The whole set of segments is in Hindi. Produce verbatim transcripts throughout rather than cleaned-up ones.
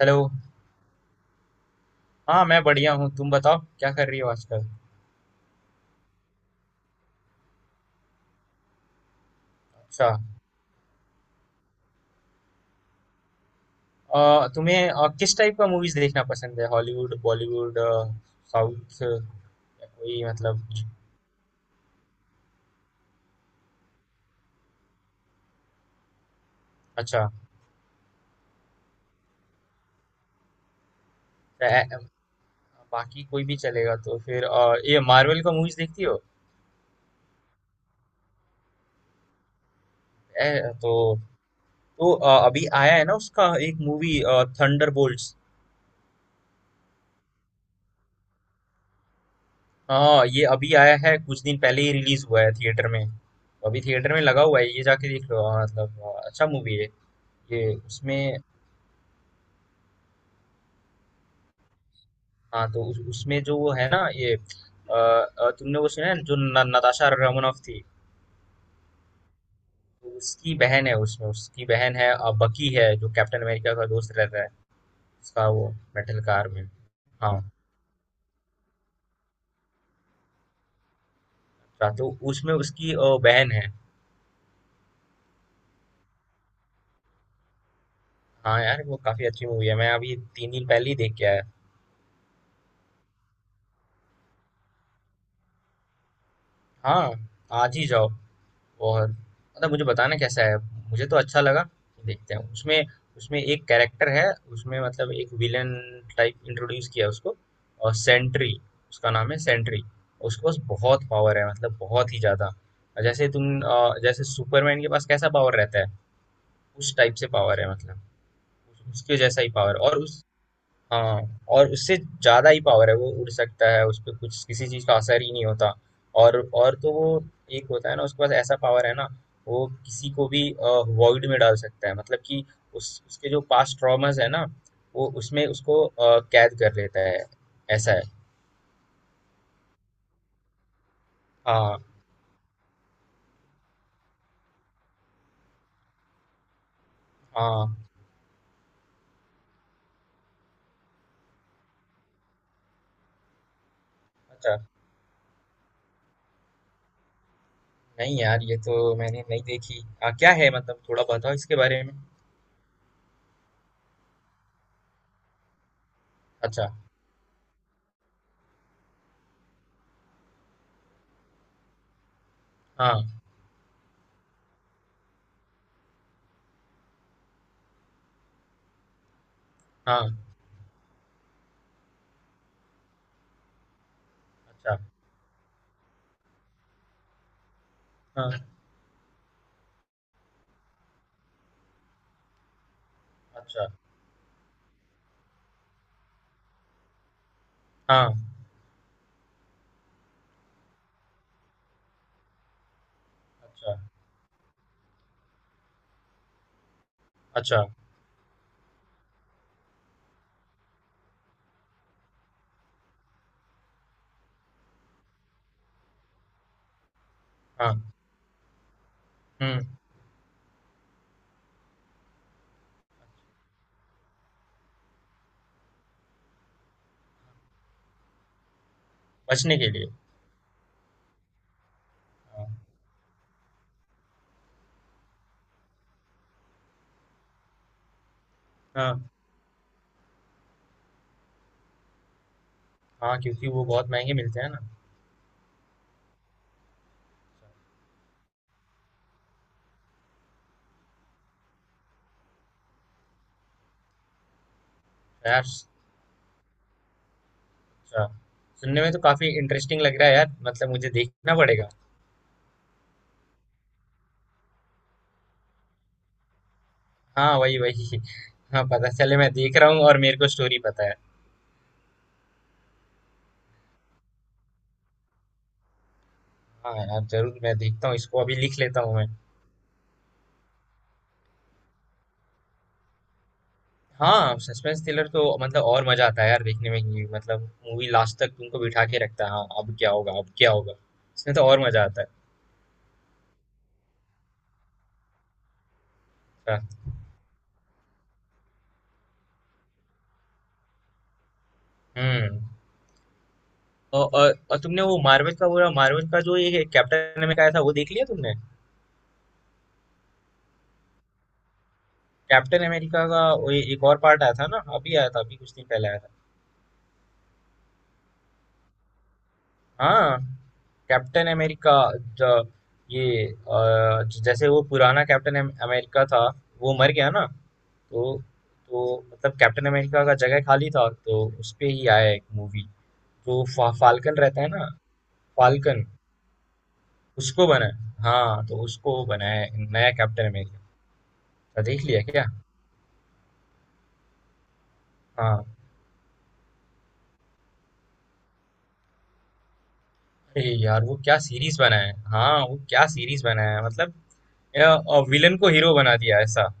हेलो। हाँ, मैं बढ़िया हूँ। तुम बताओ क्या कर रही हो आजकल? अच्छा। अ, तुम्हें अ, किस टाइप का मूवीज़ देखना पसंद है? हॉलीवुड, बॉलीवुड, अ, साउथ या कोई मतलब। अच्छा। अ, अ, बाकी कोई भी चलेगा। तो फिर अ, ये मार्वल का मूवीज़ देखती हो? ए, तो तो अ, अभी आया है ना उसका एक मूवी थंडरबोल्ट्स। हाँ, ये अभी आया है कुछ दिन पहले ही रिलीज हुआ है थिएटर में। अभी थिएटर में लगा हुआ है ये जाके देख लो। हाँ, मतलब अ, अच्छा मूवी है। ये उसमें। हाँ, तो उस उसमें जो वो है ना ये अ, अ, तुमने वो सुना है जो न, नताशा रमनोफ थी। तो उसकी बहन है उसमें उसकी बहन है अ, बकी है जो कैप्टन अमेरिका का दोस्त रहता है। उसका वो मेटल कार में। हाँ। रा- तो उसमें उसकी अ, बहन है। हाँ यार वो काफी अच्छी मूवी है मैं अभी तीन दिन पहले ही देख के आया। हाँ, आज ही जाओ। और मतलब मुझे बताना कैसा है। मुझे तो अच्छा लगा। देखते हैं उसमें। उसमें एक कैरेक्टर है उसमें मतलब एक विलन टाइप इंट्रोड्यूस किया उसको। और सेंट्री। उसका नाम है सेंट्री। उसके पास बहुत पावर है मतलब बहुत ही ज़्यादा और जैसे तुम अ, जैसे सुपरमैन के पास कैसा पावर रहता है। उस टाइप से पावर है मतलब। उस- उसके जैसा ही पावर और उस। हाँ, और उससे ज़्यादा ही पावर है वो उड़ सकता है उसपे कुछ किसी चीज़ का असर ही नहीं होता। और और तो वो। एक होता है ना उसके पास ऐसा पावर है ना। वो किसी को भी वॉइड में डाल सकता है मतलब कि उस उसके जो पास्ट ट्रॉमास है ना। वो उसमें उसको अ, कैद कर लेता है। ऐसा है। हाँ हाँ। अच्छा। नहीं यार ये तो मैंने नहीं देखी। हाँ क्या है मतलब थोड़ा बताओ इसके बारे में। अच्छा। हाँ हाँ। अच्छा। हाँ। अच्छा। हाँ। अच्छा। अच्छा। हाँ। हम्म। बचने के लिए। हाँ। हाँ। हाँ, क्योंकि वो बहुत महंगे मिलते हैं ना। अच्छा, यार अच्छा सुनने में तो काफी इंटरेस्टिंग लग रहा है यार मतलब मुझे देखना पड़ेगा। हाँ वही वही। हाँ पता चले मैं देख रहा हूँ और मेरे को स्टोरी पता है। हाँ यार जरूर मैं देखता हूँ इसको अभी लिख लेता हूँ मैं। हाँ सस्पेंस थ्रिलर तो मतलब और मजा आता है यार देखने में कि मतलब। मूवी लास्ट तक तुमको बिठा के रखता है हाँ अब क्या होगा अब क्या होगा। इसमें तो और मजा आता है। अच्छा, हम्म। और, और, और तुमने वो मार्वल का बोला मार्वल का जो ये कैप्टन अमेरिका आया था वो देख लिया तुमने। कैप्टन अमेरिका का वो ये एक और पार्ट आया था ना अभी आया था अभी कुछ दिन पहले आया था। हाँ। Captain America. ज- ये अ, ज- जैसे वो पुराना कैप्टन अमेरिका था। वो मर गया ना। तो तो मतलब कैप्टन अमेरिका का जगह खाली था तो उस पे ही आया एक मूवी। तो फा, फाल्कन रहता है ना। फाल्कन उसको बना। हाँ तो उसको बनाया है नया कैप्टन अमेरिका। तो देख लिया क्या। हाँ अरे यार वो क्या सीरीज बना है हाँ वो क्या सीरीज बना है मतलब। विलन को हीरो बना दिया ऐसा।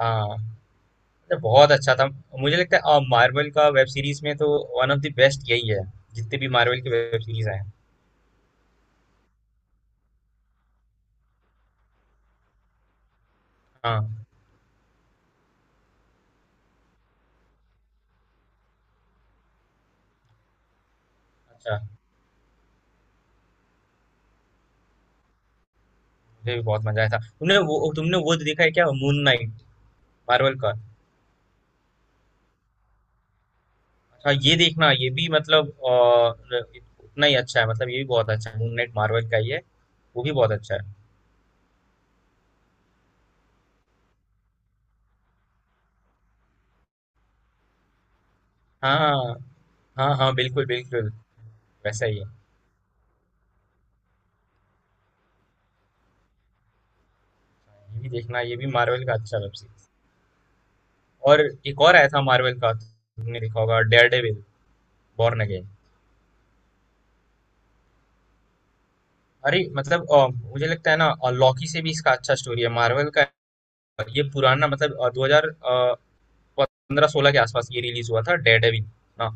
हाँ मतलब बहुत अच्छा था। मुझे लगता है मार्वल का वेब सीरीज में तो वन ऑफ द बेस्ट यही है। जितने भी मार्वल के वेब सीरीज आए हैं। हाँ। अच्छा। मुझे भी बहुत मजा आया था। तुमने वो तुमने वो देखा है क्या मून नाइट मार्वल का। अच्छा ये देखना ये भी मतलब अ, उतना ही अच्छा है मतलब ये भी बहुत अच्छा है मून नाइट मार्वल का ही है। वो भी बहुत अच्छा है। हाँ हाँ हाँ हाँ, बिल्कुल बिल्कुल। वैसा ही है। ये भी देखना ये भी मार्वल का अच्छा वेब सीरीज। और एक और आया था मार्वल का तुमने देखा होगा डेयर डेविल बॉर्न अगेन। अरे मतलब अ, मुझे लगता है ना लॉकी से भी इसका अच्छा स्टोरी है मार्वल का। ये पुराना मतलब अ, दो हज़ार पंद्रह सोलह के आसपास ये रिलीज हुआ था डेयर डेविल ना।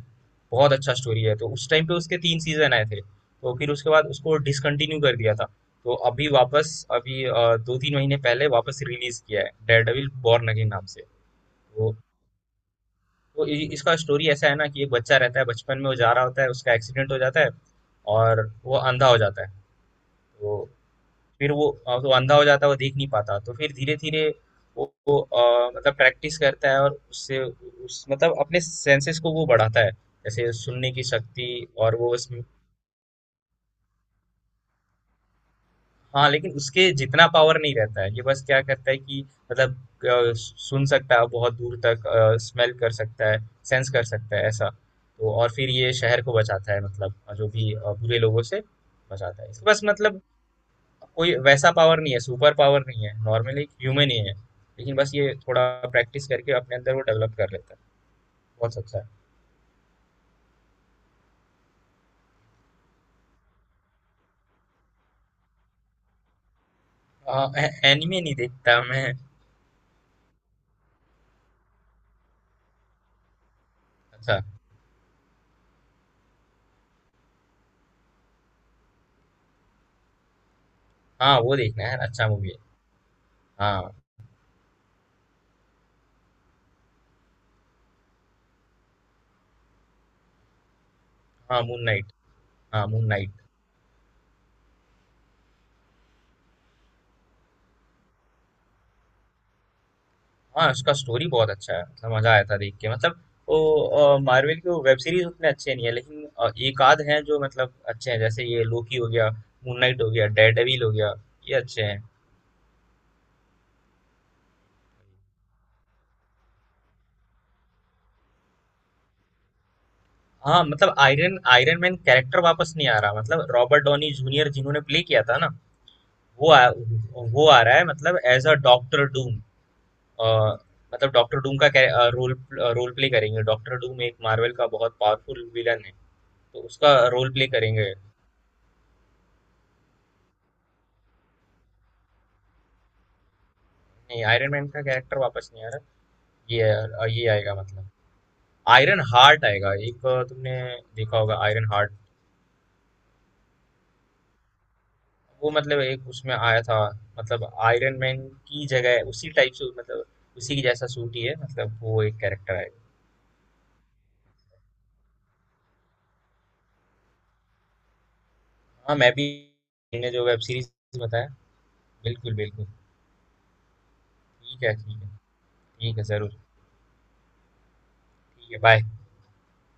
बहुत अच्छा स्टोरी है तो उस टाइम पे उसके तीन सीजन आए थे तो फिर उसके बाद उसको डिसकंटिन्यू कर दिया था। तो अभी वापस अभी अ, दो तीन महीने पहले वापस रिलीज किया है डेयर डेविल बॉर्न अगेन नाम से। तो तो इ- इसका स्टोरी ऐसा है ना कि एक बच्चा रहता है बचपन में वो जा रहा होता है उसका एक्सीडेंट हो जाता है। और वो अंधा हो जाता है। तो फिर वो अ, तो अंधा हो जाता है वो देख नहीं पाता तो फिर धीरे धीरे वो, वो अ, मतलब प्रैक्टिस करता है और उससे उस मतलब अपने सेंसेस को वो बढ़ाता है। जैसे सुनने की शक्ति। और वो उस। हाँ लेकिन उसके जितना पावर नहीं रहता है ये बस क्या करता है कि मतलब अ, सुन सकता है बहुत दूर तक। स्मेल कर सकता है। सेंस कर सकता है ऐसा तो और फिर ये शहर को बचाता है मतलब जो भी अ, बुरे लोगों से बचाता है। इसके पास मतलब कोई वैसा पावर नहीं है सुपर पावर नहीं है नॉर्मली एक ह्यूमन ही है लेकिन बस ये थोड़ा प्रैक्टिस करके अपने अंदर वो डेवलप कर लेता है। बहुत अच्छा है। आ, ए- एनिमे नहीं देखता मैं। अच्छा। हाँ वो देखना है अच्छा मूवी है। हाँ हाँ मून नाइट। हाँ मून नाइट। हाँ उसका स्टोरी बहुत अच्छा है मतलब मजा आया था देख के मतलब। वो मार्वल की वेब सीरीज उतने अच्छे नहीं है लेकिन अ, एक आध हैं जो मतलब अच्छे हैं जैसे ये लोकी हो गया मून नाइट हो गया डेयरडेविल हो गया। ये अच्छे हैं। हाँ मतलब आयरन आयरन मैन कैरेक्टर वापस नहीं आ रहा मतलब रॉबर्ट डॉनी जूनियर जिन्होंने प्ले किया था ना। वो आ, वो आ रहा है मतलब एज अ डॉक्टर डूम। मतलब डॉक्टर डूम का रोल रोल प्ले करेंगे डॉक्टर डूम एक मार्वल का बहुत पावरफुल विलन है। तो उसका रोल प्ले करेंगे। नहीं आयरन मैन का कैरेक्टर वापस नहीं आ रहा। ये अ, ये आएगा मतलब आयरन हार्ट आएगा एक अ, तुमने देखा होगा आयरन हार्ट। वो मतलब एक उसमें आया था मतलब आयरन मैन की जगह उसी टाइप से मतलब उसी की जैसा सूट ही है मतलब वो एक कैरेक्टर आएगा। हाँ मैं भी। मैंने जो वेब सीरीज बताया। बिल्कुल बिल्कुल। ठीक है ठीक है। ठीक है जरूर। ठीक है बाय।